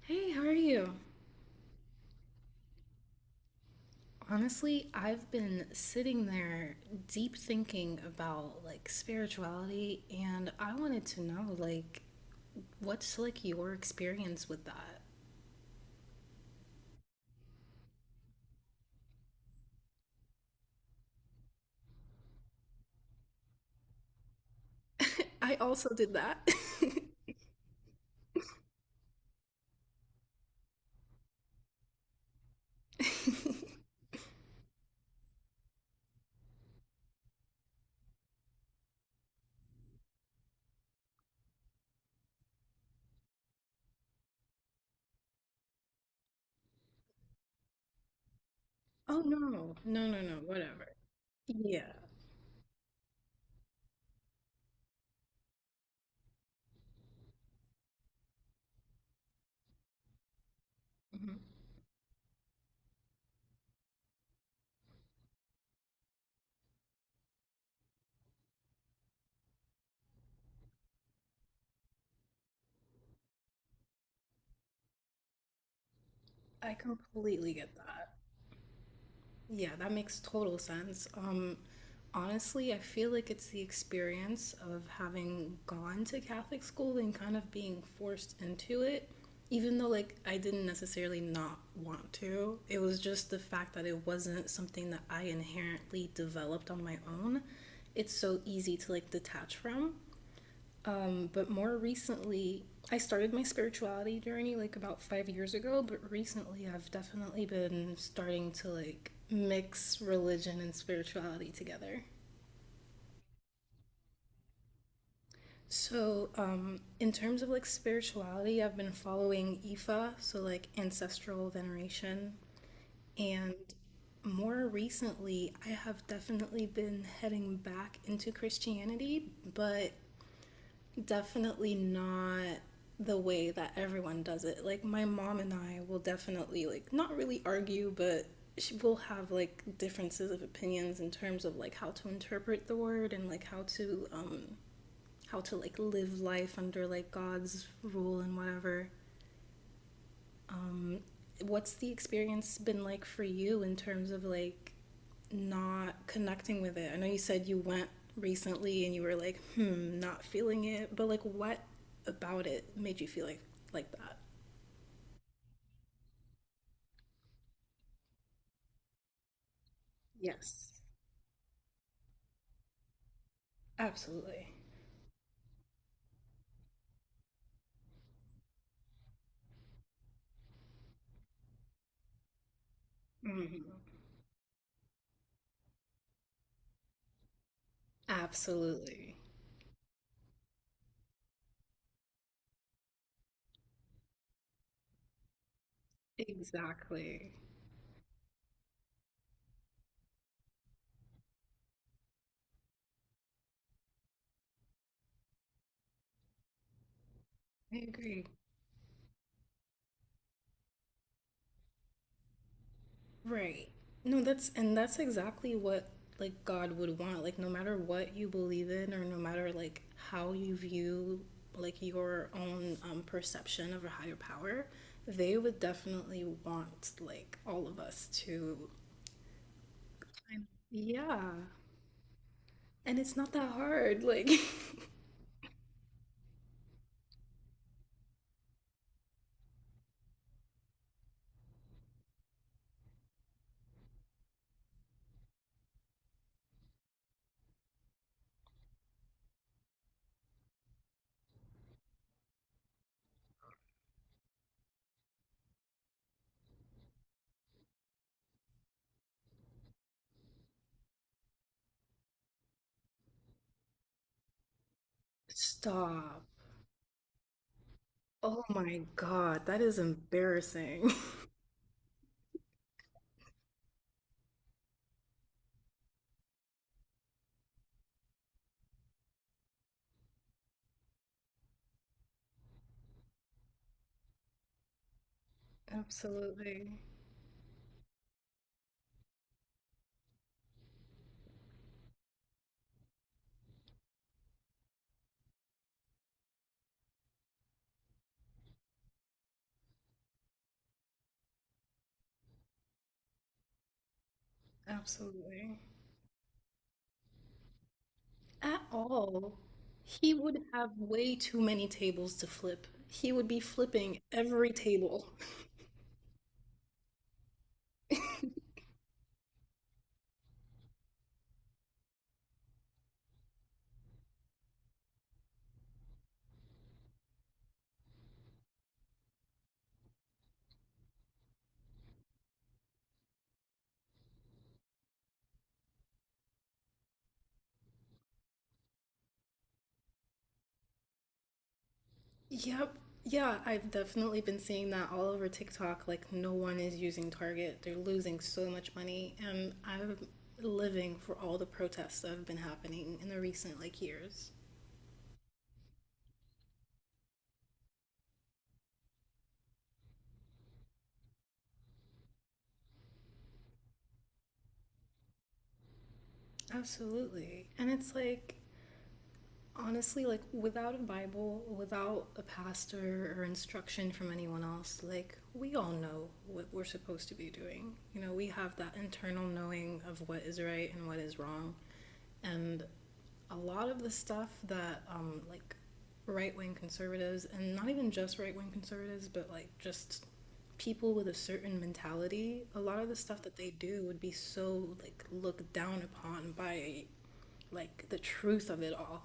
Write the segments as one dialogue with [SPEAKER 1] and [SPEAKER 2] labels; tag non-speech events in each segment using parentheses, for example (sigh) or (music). [SPEAKER 1] Hey, how are you? Honestly, I've been sitting there deep thinking about spirituality, and I wanted to know what's your experience with that? (laughs) I also did that. (laughs) Oh no, no, no, no, whatever. Yeah, mhm. I completely get that. Yeah, that makes total sense. Honestly, I feel like it's the experience of having gone to Catholic school and kind of being forced into it, even though like I didn't necessarily not want to. It was just the fact that it wasn't something that I inherently developed on my own. It's so easy to like detach from. But more recently, I started my spirituality journey like about 5 years ago, but recently I've definitely been starting to like mix religion and spirituality together. So, in terms of like spirituality, I've been following Ifa, so like ancestral veneration, and more recently, I have definitely been heading back into Christianity, but definitely not the way that everyone does it. Like my mom and I will definitely like not really argue, but she will have like differences of opinions in terms of like how to interpret the word and like how to how to like live life under like God's rule and whatever. Um what's the experience been like for you in terms of like not connecting with it? I know you said you went recently and you were like, hmm, not feeling it, but like what about it made you feel like that? Yes, absolutely. Hmm. Absolutely. Exactly. I agree. Right. No, that's and that's exactly what like God would want. Like no matter what you believe in or no matter like how you view like your own perception of a higher power, they would definitely want like all of us to yeah. And it's not that hard. Like (laughs) stop. Oh my God, that is embarrassing. (laughs) Absolutely. Absolutely. At all. He would have way too many tables to flip. He would be flipping every table. (laughs) Yep. Yeah, I've definitely been seeing that all over TikTok. Like, no one is using Target. They're losing so much money. And I'm living for all the protests that have been happening in the recent, like, years. Absolutely. And it's like, honestly like without a bible without a pastor or instruction from anyone else like we all know what we're supposed to be doing, you know, we have that internal knowing of what is right and what is wrong, and a lot of the stuff that like right-wing conservatives and not even just right-wing conservatives but like just people with a certain mentality, a lot of the stuff that they do would be so like looked down upon by like the truth of it all.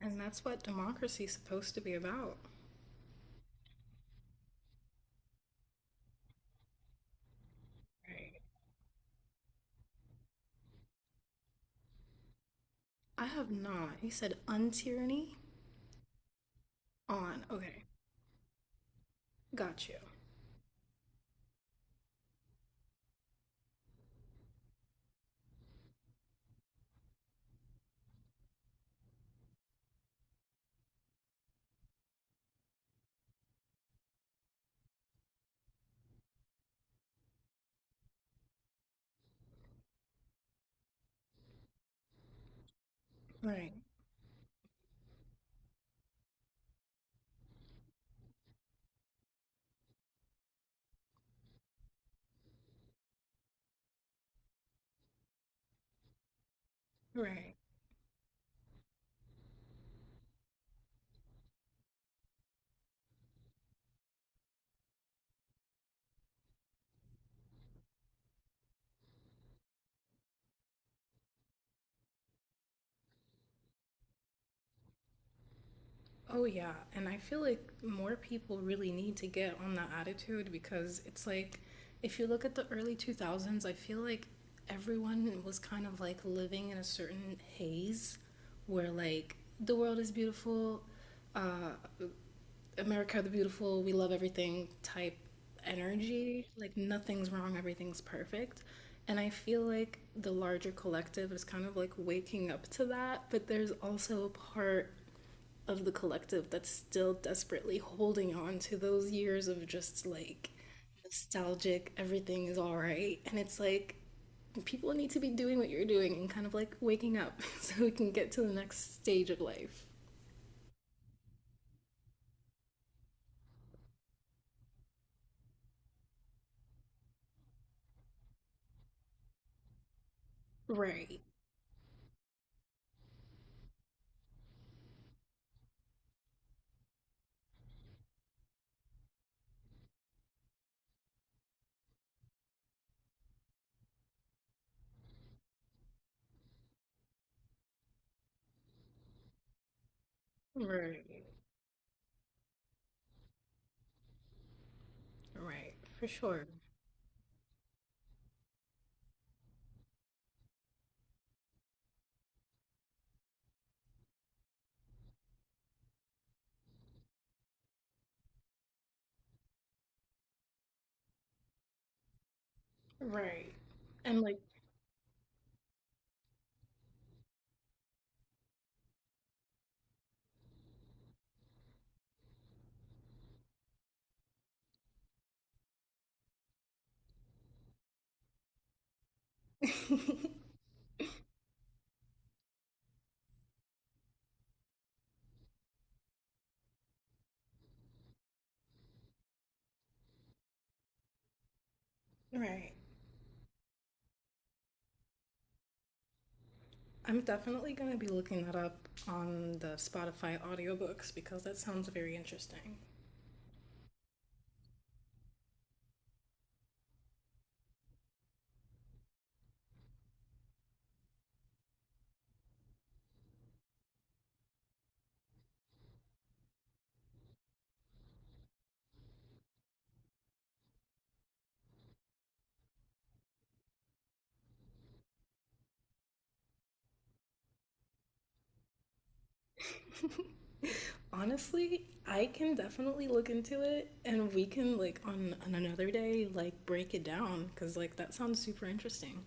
[SPEAKER 1] And that's what democracy's supposed to be about. Right. I have not. You said untyranny on. Okay, got you. Right, right. Oh, yeah. And I feel like more people really need to get on that attitude because it's like, if you look at the early 2000s, I feel like everyone was kind of like living in a certain haze where, like, the world is beautiful, uh, America the Beautiful, we love everything type energy. Like nothing's wrong, everything's perfect. And I feel like the larger collective is kind of like waking up to that, but there's also a part of the collective that's still desperately holding on to those years of just like nostalgic, everything is all right. And it's like people need to be doing what you're doing and kind of like waking up (laughs) so we can get to the next stage of life. Right. Right. Right, for sure. Right. And like, (laughs) right. I'm definitely going to be looking that up on the Spotify audiobooks because that sounds very interesting. Honestly, I can definitely look into it and we can, like, on another day, like, break it down because, like, that sounds super interesting.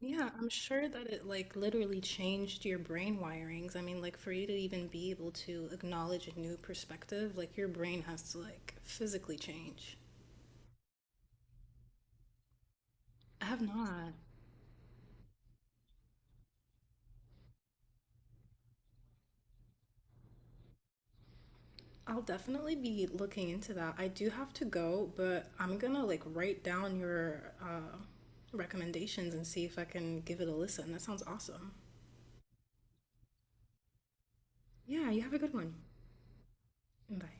[SPEAKER 1] Yeah, I'm sure that it, like, literally changed your brain wirings. I mean, like, for you to even be able to acknowledge a new perspective, like, your brain has to, like, physically change. I have not. I'll definitely be looking into that. I do have to go, but I'm gonna like write down your recommendations and see if I can give it a listen. That sounds awesome. Yeah, you have a good one. Bye.